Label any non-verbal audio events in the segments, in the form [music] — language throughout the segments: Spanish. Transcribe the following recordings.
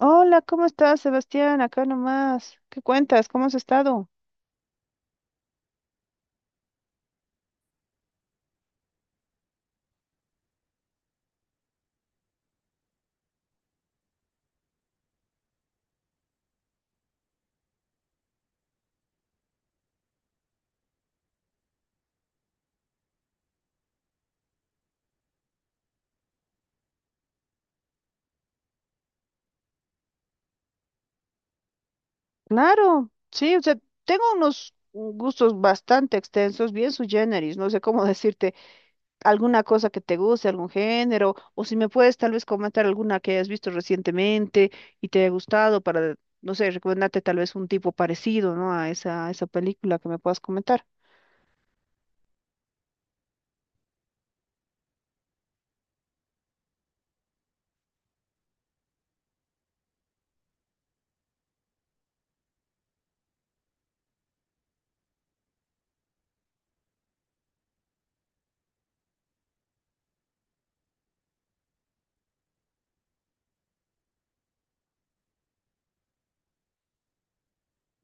Hola, ¿cómo estás, Sebastián? Acá nomás. ¿Qué cuentas? ¿Cómo has estado? Claro, sí, o sea, tengo unos gustos bastante extensos, bien sui generis, no sé cómo [laughs] decirte, alguna cosa que te guste, algún género, o si me puedes tal vez comentar alguna que hayas visto recientemente y te haya gustado para, no sé, recomendarte tal vez un tipo parecido, ¿no? A esa película que me puedas comentar.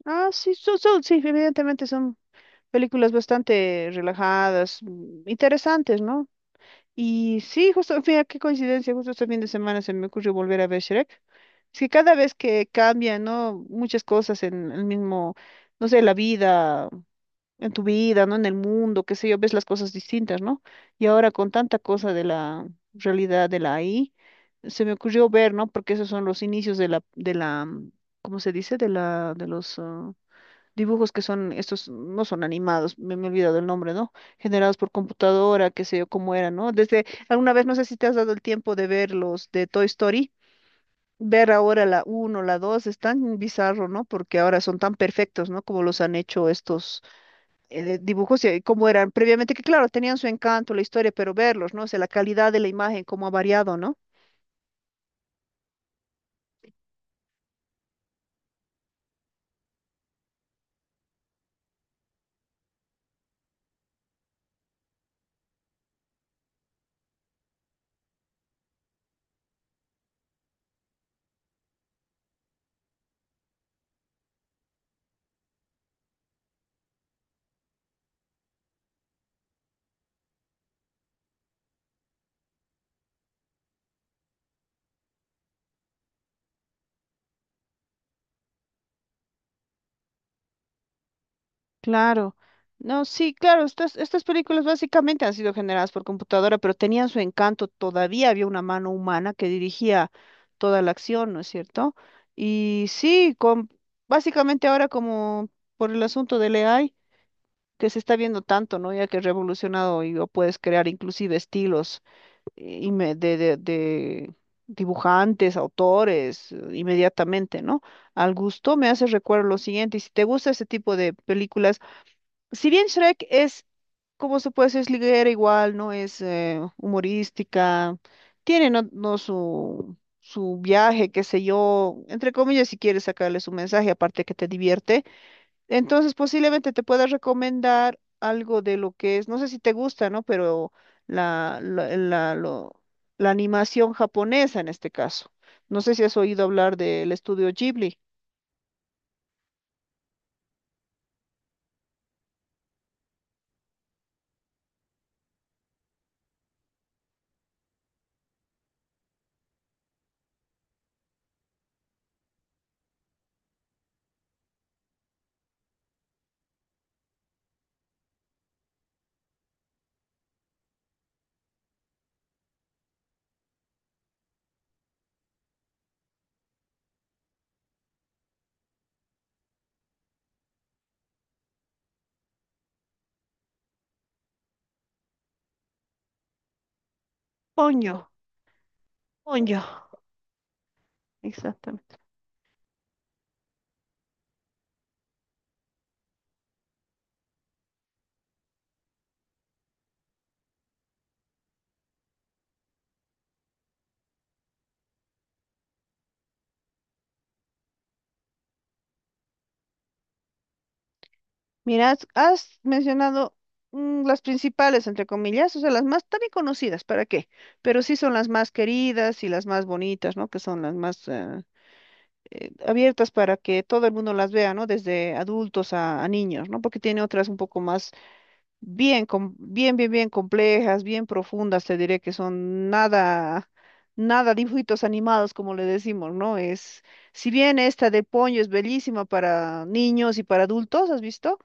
Ah, sí, sí, evidentemente son películas bastante relajadas, interesantes, ¿no? Y sí, justo, mira qué coincidencia, justo este fin de semana se me ocurrió volver a ver Shrek. Es que cada vez que cambia, ¿no? Muchas cosas en el mismo, no sé, la vida, en tu vida, ¿no? En el mundo, qué sé yo, ves las cosas distintas, ¿no? Y ahora con tanta cosa de la realidad de la AI se me ocurrió ver, ¿no? Porque esos son los inicios de la, ¿cómo se dice? De la, de los, ah, dibujos que son, estos no son animados, me he olvidado el nombre, ¿no? Generados por computadora, qué sé yo cómo era, ¿no? Desde alguna vez, no sé si te has dado el tiempo de ver los de Toy Story, ver ahora la uno la 2 es tan bizarro, ¿no? Porque ahora son tan perfectos, ¿no? Como los han hecho estos dibujos y cómo eran previamente, que claro, tenían su encanto, la historia, pero verlos, ¿no? O sea, la calidad de la imagen, cómo ha variado, ¿no? Claro. No, sí, claro, estas películas básicamente han sido generadas por computadora, pero tenían su encanto. Todavía había una mano humana que dirigía toda la acción, ¿no es cierto? Y sí, básicamente ahora como por el asunto del AI, que se está viendo tanto, ¿no? Ya que es revolucionado y o puedes crear inclusive estilos de dibujantes, autores, inmediatamente, ¿no? Al gusto me hace recuerdo lo siguiente, y si te gusta ese tipo de películas, si bien Shrek es, como se puede decir, es liguera igual, no es humorística, tiene no su viaje, qué sé yo, entre comillas, si quieres sacarle su mensaje, aparte que te divierte, entonces posiblemente te pueda recomendar algo de lo que es, no sé si te gusta, ¿no? Pero la, la, la, lo- la animación japonesa en este caso. No sé si has oído hablar del estudio Ghibli. Ponyo, Ponyo, exactamente. Mira, has mencionado las principales, entre comillas, o sea, las más tan conocidas, ¿para qué? Pero sí son las más queridas y las más bonitas, ¿no? Que son las más abiertas para que todo el mundo las vea, ¿no? Desde adultos a niños, ¿no? Porque tiene otras un poco más bien complejas, bien profundas, te diré que son nada, nada dibujitos animados, como le decimos, ¿no? Si bien esta de Ponyo es bellísima para niños y para adultos, ¿has visto?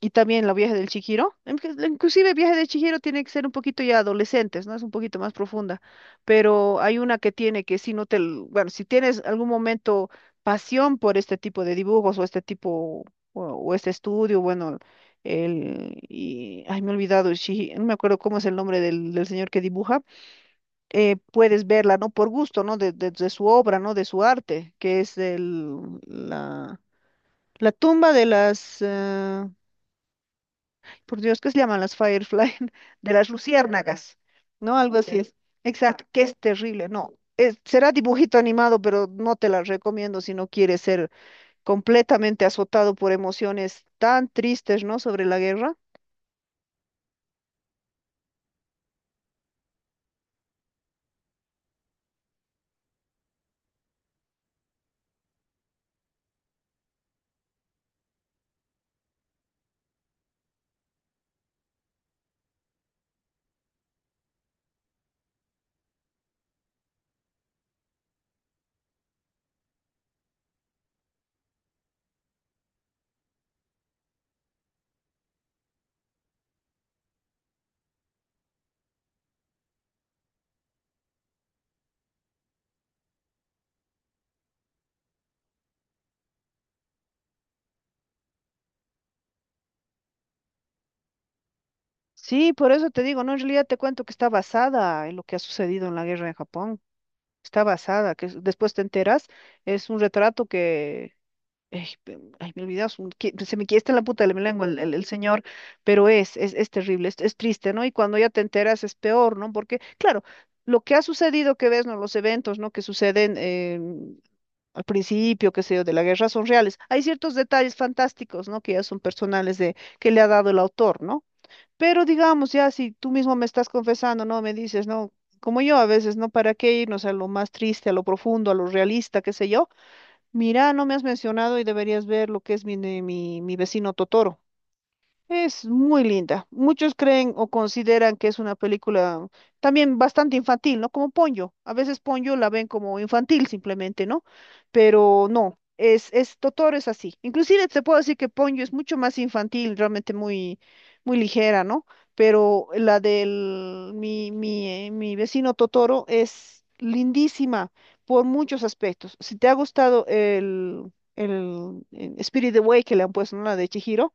Y también la viaje del Chihiro. Inclusive viaje de Chihiro tiene que ser un poquito ya adolescentes, ¿no? Es un poquito más profunda. Pero hay una que tiene que si no te, bueno, si tienes algún momento pasión por este tipo de dibujos o este tipo o este estudio, bueno, ay, me he olvidado, no me acuerdo cómo es el nombre del señor que dibuja, puedes verla, ¿no? Por gusto, ¿no? De su obra, ¿no? De su arte, que es la, la tumba de las, por Dios, ¿qué se llaman las Firefly? [laughs] De las luciérnagas, ¿no? Algo así es. Exacto, que es terrible, no. Será dibujito animado, pero no te la recomiendo si no quieres ser completamente azotado por emociones tan tristes, ¿no? Sobre la guerra. Sí, por eso te digo, no, en realidad te cuento que está basada en lo que ha sucedido en la guerra en Japón. Está basada, después te enteras, es un retrato que, ay, me olvidas, se me quiesta en la puta de mi lengua el señor, pero es terrible, es triste, ¿no? Y cuando ya te enteras es peor, ¿no? Porque, claro, lo que ha sucedido que ves, ¿no? Los eventos, ¿no? Que suceden al principio, qué sé yo, de la guerra son reales. Hay ciertos detalles fantásticos, ¿no? Que ya son personales de, que le ha dado el autor, ¿no? Pero digamos, ya si tú mismo me estás confesando, ¿no? Me dices, ¿no? Como yo a veces, ¿no? ¿Para qué irnos a lo más triste, a lo profundo, a lo realista, qué sé yo? Mira, no me has mencionado y deberías ver lo que es mi vecino Totoro. Es muy linda. Muchos creen o consideran que es una película también bastante infantil, ¿no? Como Ponyo. A veces Ponyo la ven como infantil simplemente, ¿no? Pero no, es Totoro es así. Inclusive te puedo decir que Ponyo es mucho más infantil, realmente muy, muy ligera, ¿no? Pero la del mi vecino Totoro es lindísima por muchos aspectos. Si te ha gustado Spirit Away que le han puesto, ¿no? La de Chihiro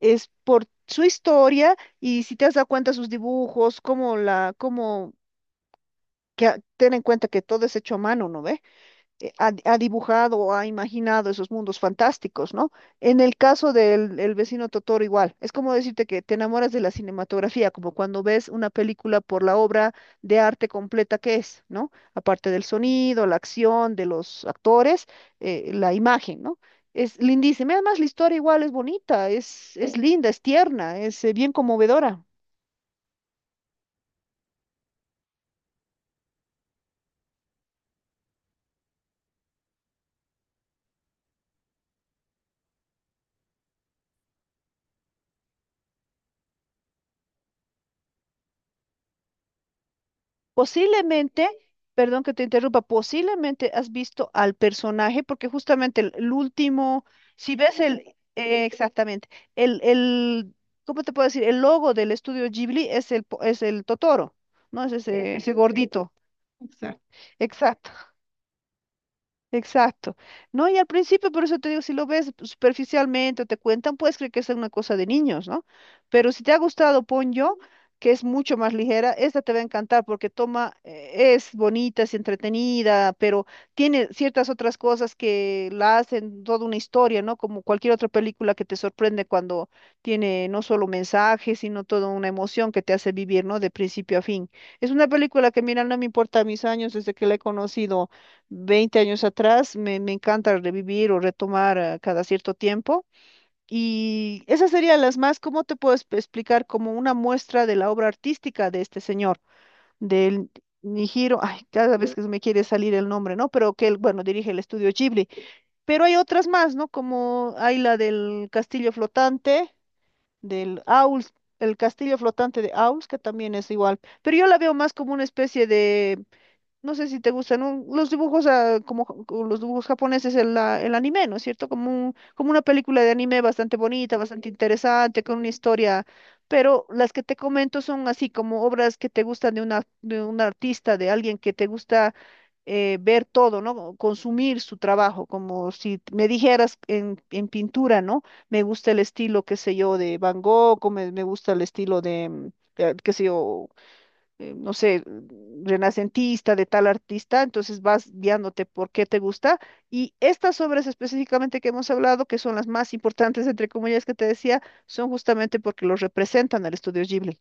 es por su historia y si te has dado cuenta sus dibujos, como la, como que a- ten en cuenta que todo es hecho a mano, ¿no ve? Ha dibujado o ha imaginado esos mundos fantásticos, ¿no? En el caso del el vecino Totoro igual, es como decirte que te enamoras de la cinematografía, como cuando ves una película por la obra de arte completa que es, ¿no? Aparte del sonido, la acción de los actores, la imagen, ¿no? Es lindísima, además la historia igual es bonita, es linda, es tierna, es bien conmovedora. Posiblemente, perdón que te interrumpa, posiblemente has visto al personaje, porque justamente el último, si ves exactamente, el, el, ¿cómo te puedo decir? El logo del estudio Ghibli es es el Totoro, ¿no? Es ese gordito. Exacto. Exacto. No, y al principio, por eso te digo, si lo ves superficialmente o te cuentan, puedes creer que es una cosa de niños, ¿no? Pero si te ha gustado Ponyo, que es mucho más ligera, esta te va a encantar porque toma, es bonita, es entretenida, pero tiene ciertas otras cosas que la hacen toda una historia, ¿no? Como cualquier otra película que te sorprende cuando tiene no solo mensajes, sino toda una emoción que te hace vivir, ¿no? De principio a fin. Es una película que, mira, no me importa mis años desde que la he conocido. 20 años atrás, me encanta revivir o retomar cada cierto tiempo. Y esas serían las más, ¿cómo te puedo explicar? Como una muestra de la obra artística de este señor, del Nihiro, ay, cada vez que se me quiere salir el nombre, ¿no? Pero que él, bueno, dirige el estudio Ghibli. Pero hay otras más, ¿no? Como hay la del castillo flotante, del Aul, el castillo flotante de Aul, que también es igual. Pero yo la veo más como una especie de no sé si te gustan los dibujos, como los dibujos japoneses, el anime, ¿no es cierto? Como una película de anime bastante bonita, bastante interesante, con una historia, pero las que te comento son así como obras que te gustan de una, de un artista, de alguien que te gusta ver todo, ¿no? O consumir su trabajo, como si me dijeras en pintura, ¿no? Me gusta el estilo, qué sé yo, de Van Gogh, o me gusta el estilo de, qué sé yo, no sé, renacentista de tal artista, entonces vas guiándote por qué te gusta. Y estas obras específicamente que hemos hablado, que son las más importantes, entre comillas, que te decía, son justamente porque los representan al estudio Ghibli.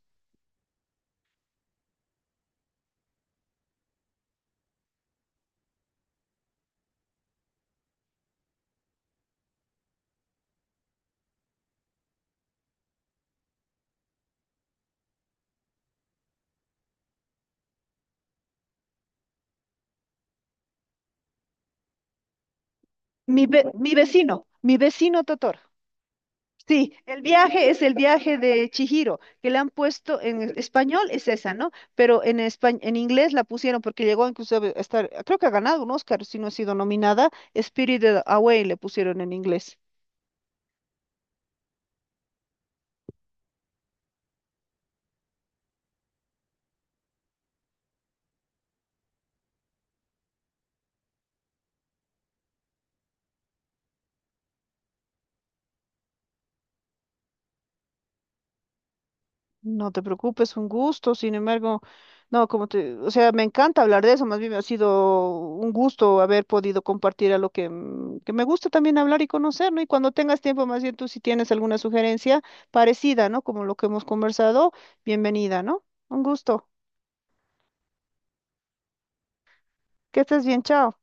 Mi vecino Totoro. Sí, el viaje es el viaje de Chihiro, que le han puesto en español, es esa, ¿no? Pero en inglés la pusieron porque llegó incluso a estar, creo que ha ganado un Oscar, si no ha sido nominada, Spirited Away le pusieron en inglés. No te preocupes, un gusto. Sin embargo, no, o sea, me encanta hablar de eso. Más bien ha sido un gusto haber podido compartir a lo que me gusta también hablar y conocer, ¿no? Y cuando tengas tiempo, más bien tú si tienes alguna sugerencia parecida, ¿no? Como lo que hemos conversado, bienvenida, ¿no? Un gusto. Que estés bien, chao.